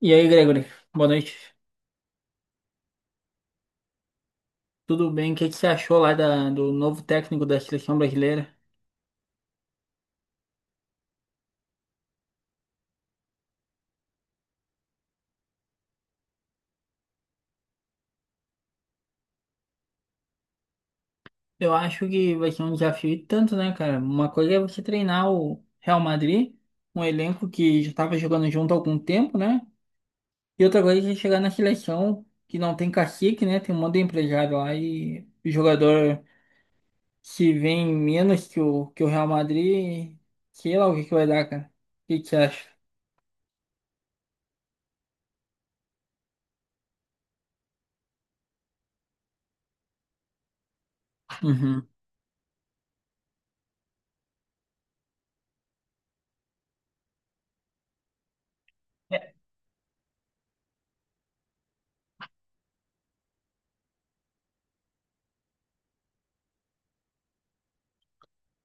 E aí, Gregory, boa noite. Tudo bem? O que que você achou lá do novo técnico da seleção brasileira? Eu acho que vai ser um desafio e tanto, né, cara? Uma coisa é você treinar o Real Madrid, um elenco que já estava jogando junto há algum tempo, né? E outra coisa é você chegar na seleção que não tem cacique, né? Tem um monte de empresário lá e o jogador se vê em menos que o Real Madrid, sei lá o que que vai dar, cara. O que que você acha? Uhum.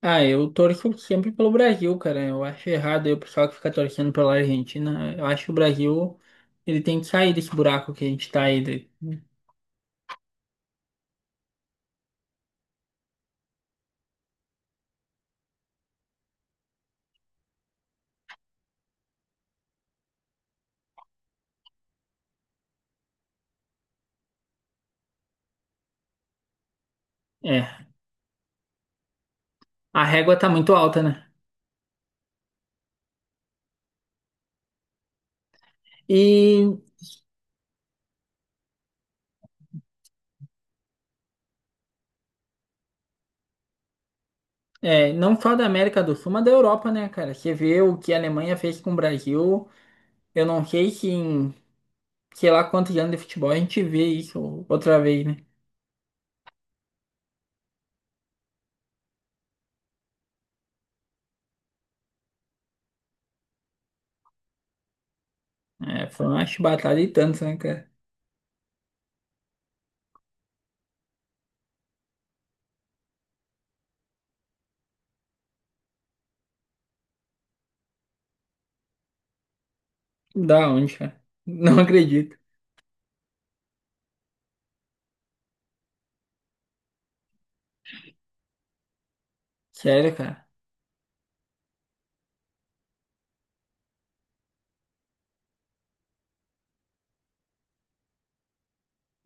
Ah, eu torço sempre pelo Brasil, cara. Eu acho errado aí o pessoal que fica torcendo pela Argentina. Eu acho que o Brasil, ele tem que sair desse buraco que a gente tá aí. É, a régua tá muito alta, né? E é, não só da América do Sul, mas da Europa, né, cara? Você vê o que a Alemanha fez com o Brasil. Eu não sei se em sei lá quantos anos de futebol a gente vê isso outra vez, né? É, foi uma chibatada e tanto, né, cara? Da onde, cara? Não acredito. Sério, cara.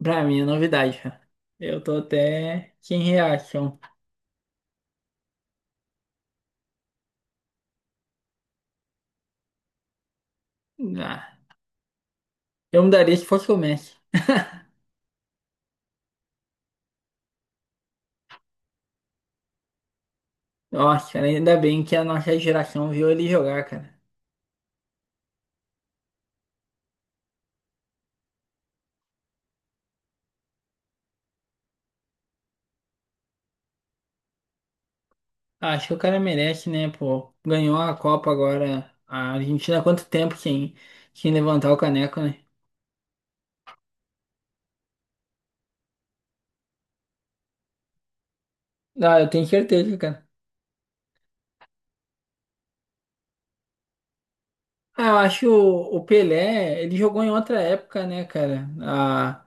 Pra mim é novidade, cara. Eu tô até sem reação. Ah, eu mudaria se fosse o Messi. Nossa, cara, ainda bem que a nossa geração viu ele jogar, cara. Acho que o cara merece, né, pô? Ganhou a Copa agora. A Argentina há quanto tempo sem, sem levantar o caneco, né? Ah, eu tenho certeza, cara. Ah, eu acho o Pelé, ele jogou em outra época, né, cara? Ah,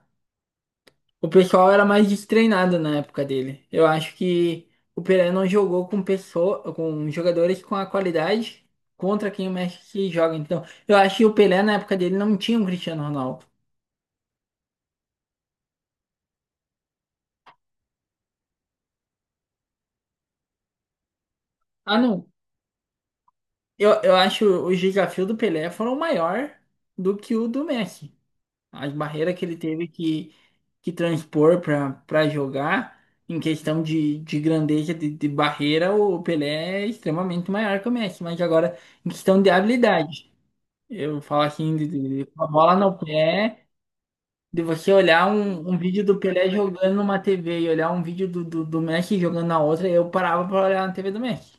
o pessoal era mais destreinado na época dele. Eu acho que o Pereira não jogou com pessoa, com jogadores com a qualidade contra quem o Messi joga. Então, eu acho que o Pelé na época dele não tinha um Cristiano Ronaldo. Ah, não. Eu acho os desafios do Pelé foram maior do que o do Messi. As barreiras que ele teve que transpor para jogar, em questão de grandeza de barreira, o Pelé é extremamente maior que o Messi. Mas agora, em questão de habilidade. Eu falo assim, com a bola no pé, de você olhar um vídeo do Pelé jogando numa TV e olhar um vídeo do Messi jogando na outra, eu parava pra olhar na TV do Messi.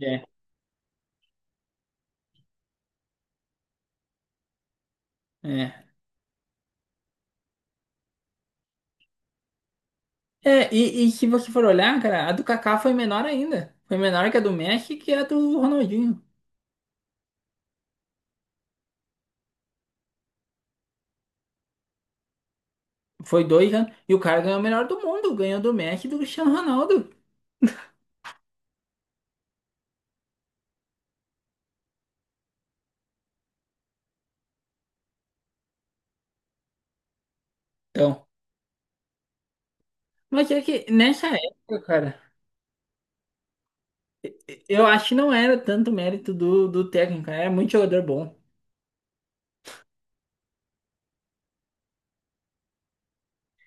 É. É, é, e se você for olhar, cara, a do Kaká foi menor ainda. Foi menor que a do Messi que a do Ronaldinho. Foi 2 anos. E o cara ganhou o melhor do mundo, ganhou do Messi e do Cristiano Ronaldo. Então, mas é que nessa época, cara, eu acho que não era tanto mérito do técnico, era muito jogador bom.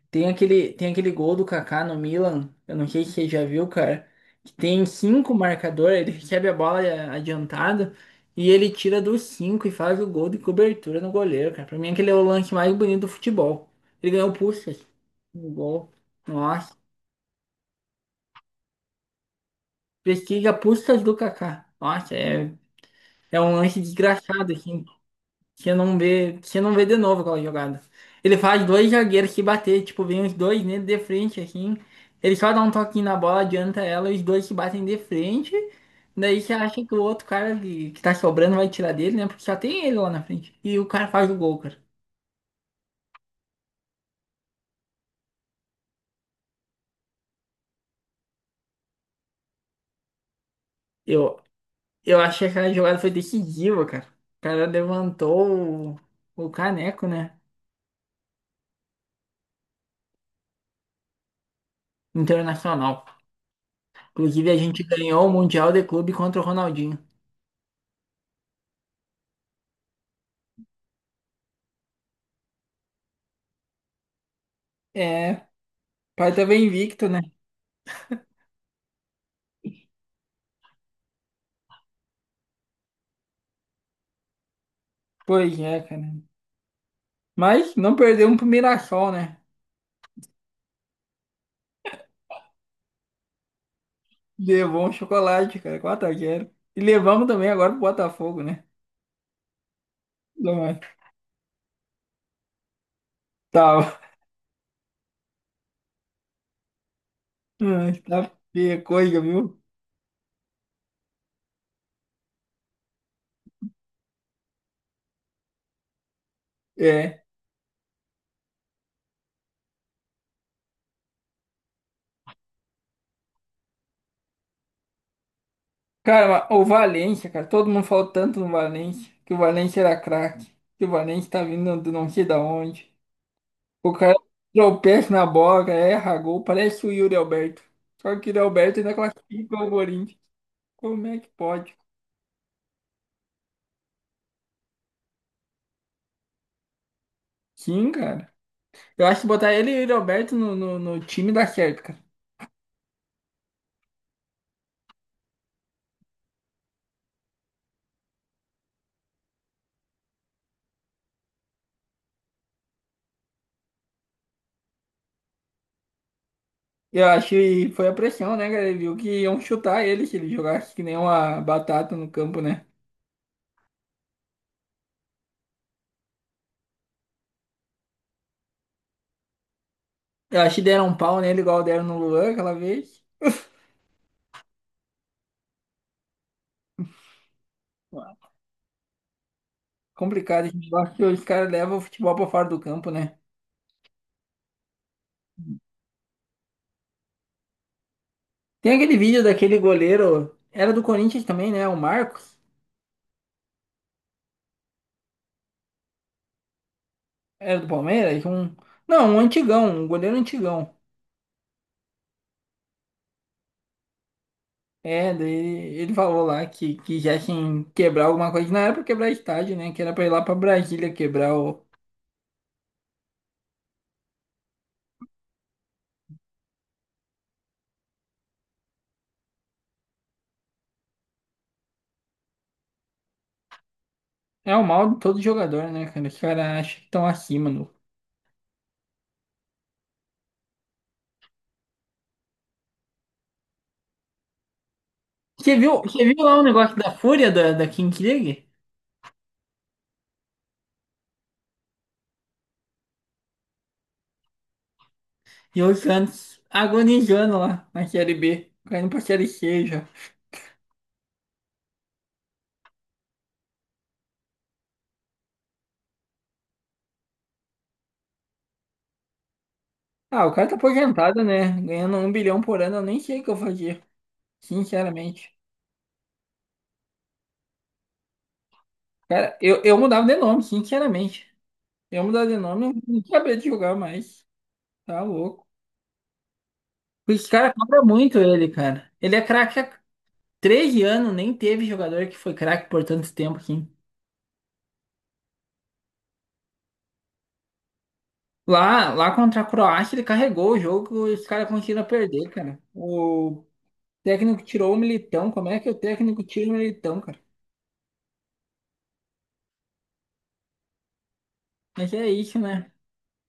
Tem aquele gol do Kaká no Milan, eu não sei se você já viu, cara, que tem cinco marcadores, ele recebe a bola adiantada e ele tira dos cinco e faz o gol de cobertura no goleiro, cara. Pra mim aquele é o lance mais bonito do futebol. Ele ganhou Puskas, um gol. Nossa, pesquisa Puskas do Kaká. Nossa, é, é um lance desgraçado, assim, que não vê de novo aquela jogada. Ele faz dois zagueiros se bater, tipo, vem os dois nele de frente, assim. Ele só dá um toquinho na bola, adianta ela, os dois se batem de frente. Daí você acha que o outro cara que tá sobrando vai tirar dele, né? Porque só tem ele lá na frente. E o cara faz o gol, cara. Eu, eu achei que aquela jogada foi decisiva, cara. O cara levantou o caneco, né? Internacional. Inclusive, a gente ganhou o Mundial de Clube contra o Ronaldinho. É, pai tá bem invicto, né? Pois é, cara. Mas não perdemos pro Mirassol, né? Levou um chocolate, cara, 4x0. E levamos também agora pro Botafogo, né? Não. Tá. Ai, tá feia a coisa, viu? É. Cara, mas o Valência, cara, todo mundo falou tanto no Valência, que o Valência era craque, que o Valência tá vindo do não sei da onde. O cara tropeça na bola, cara, erra gol, parece o Yuri Alberto. Só que o Yuri Alberto ainda classifica o Corinthians. Como é que pode? Sim, cara. Eu acho que botar ele e o Yuri Alberto no time dá certo, cara. Eu acho que foi a pressão, né, cara? Ele viu que iam chutar ele se ele jogasse que nem uma batata no campo, né? Eu acho que deram um pau nele igual deram no Luan aquela vez. Complicado, a gente gosta que os caras levam o futebol pra fora do campo, né? Tem aquele vídeo daquele goleiro, era do Corinthians também, né? O Marcos, era do Palmeiras, um... Não, um antigão, um goleiro antigão. É, daí ele falou lá que já tinha que quebrar alguma coisa, não era pra quebrar estádio, né? Que era pra ir lá pra Brasília quebrar o. É o mal de todo jogador, né, cara? Os caras acham que estão acima, no. Você viu lá o negócio da Fúria da Kings League? E o Santos agonizando lá na Série B, caindo pra Série C já. Ah, o cara tá aposentado, né? Ganhando um bilhão por ano, eu nem sei o que eu fazia, sinceramente. Cara, eu mudava de nome, sinceramente. Eu mudava de nome, eu não sabia de jogar mais. Tá louco. Os caras cobram muito ele, cara. Ele é craque há 13 anos, nem teve jogador que foi craque por tanto tempo assim. Lá contra a Croácia, ele carregou o jogo e os caras conseguiram perder, cara. O técnico tirou o Militão. Como é que o técnico tira o Militão, cara? Mas é isso, né?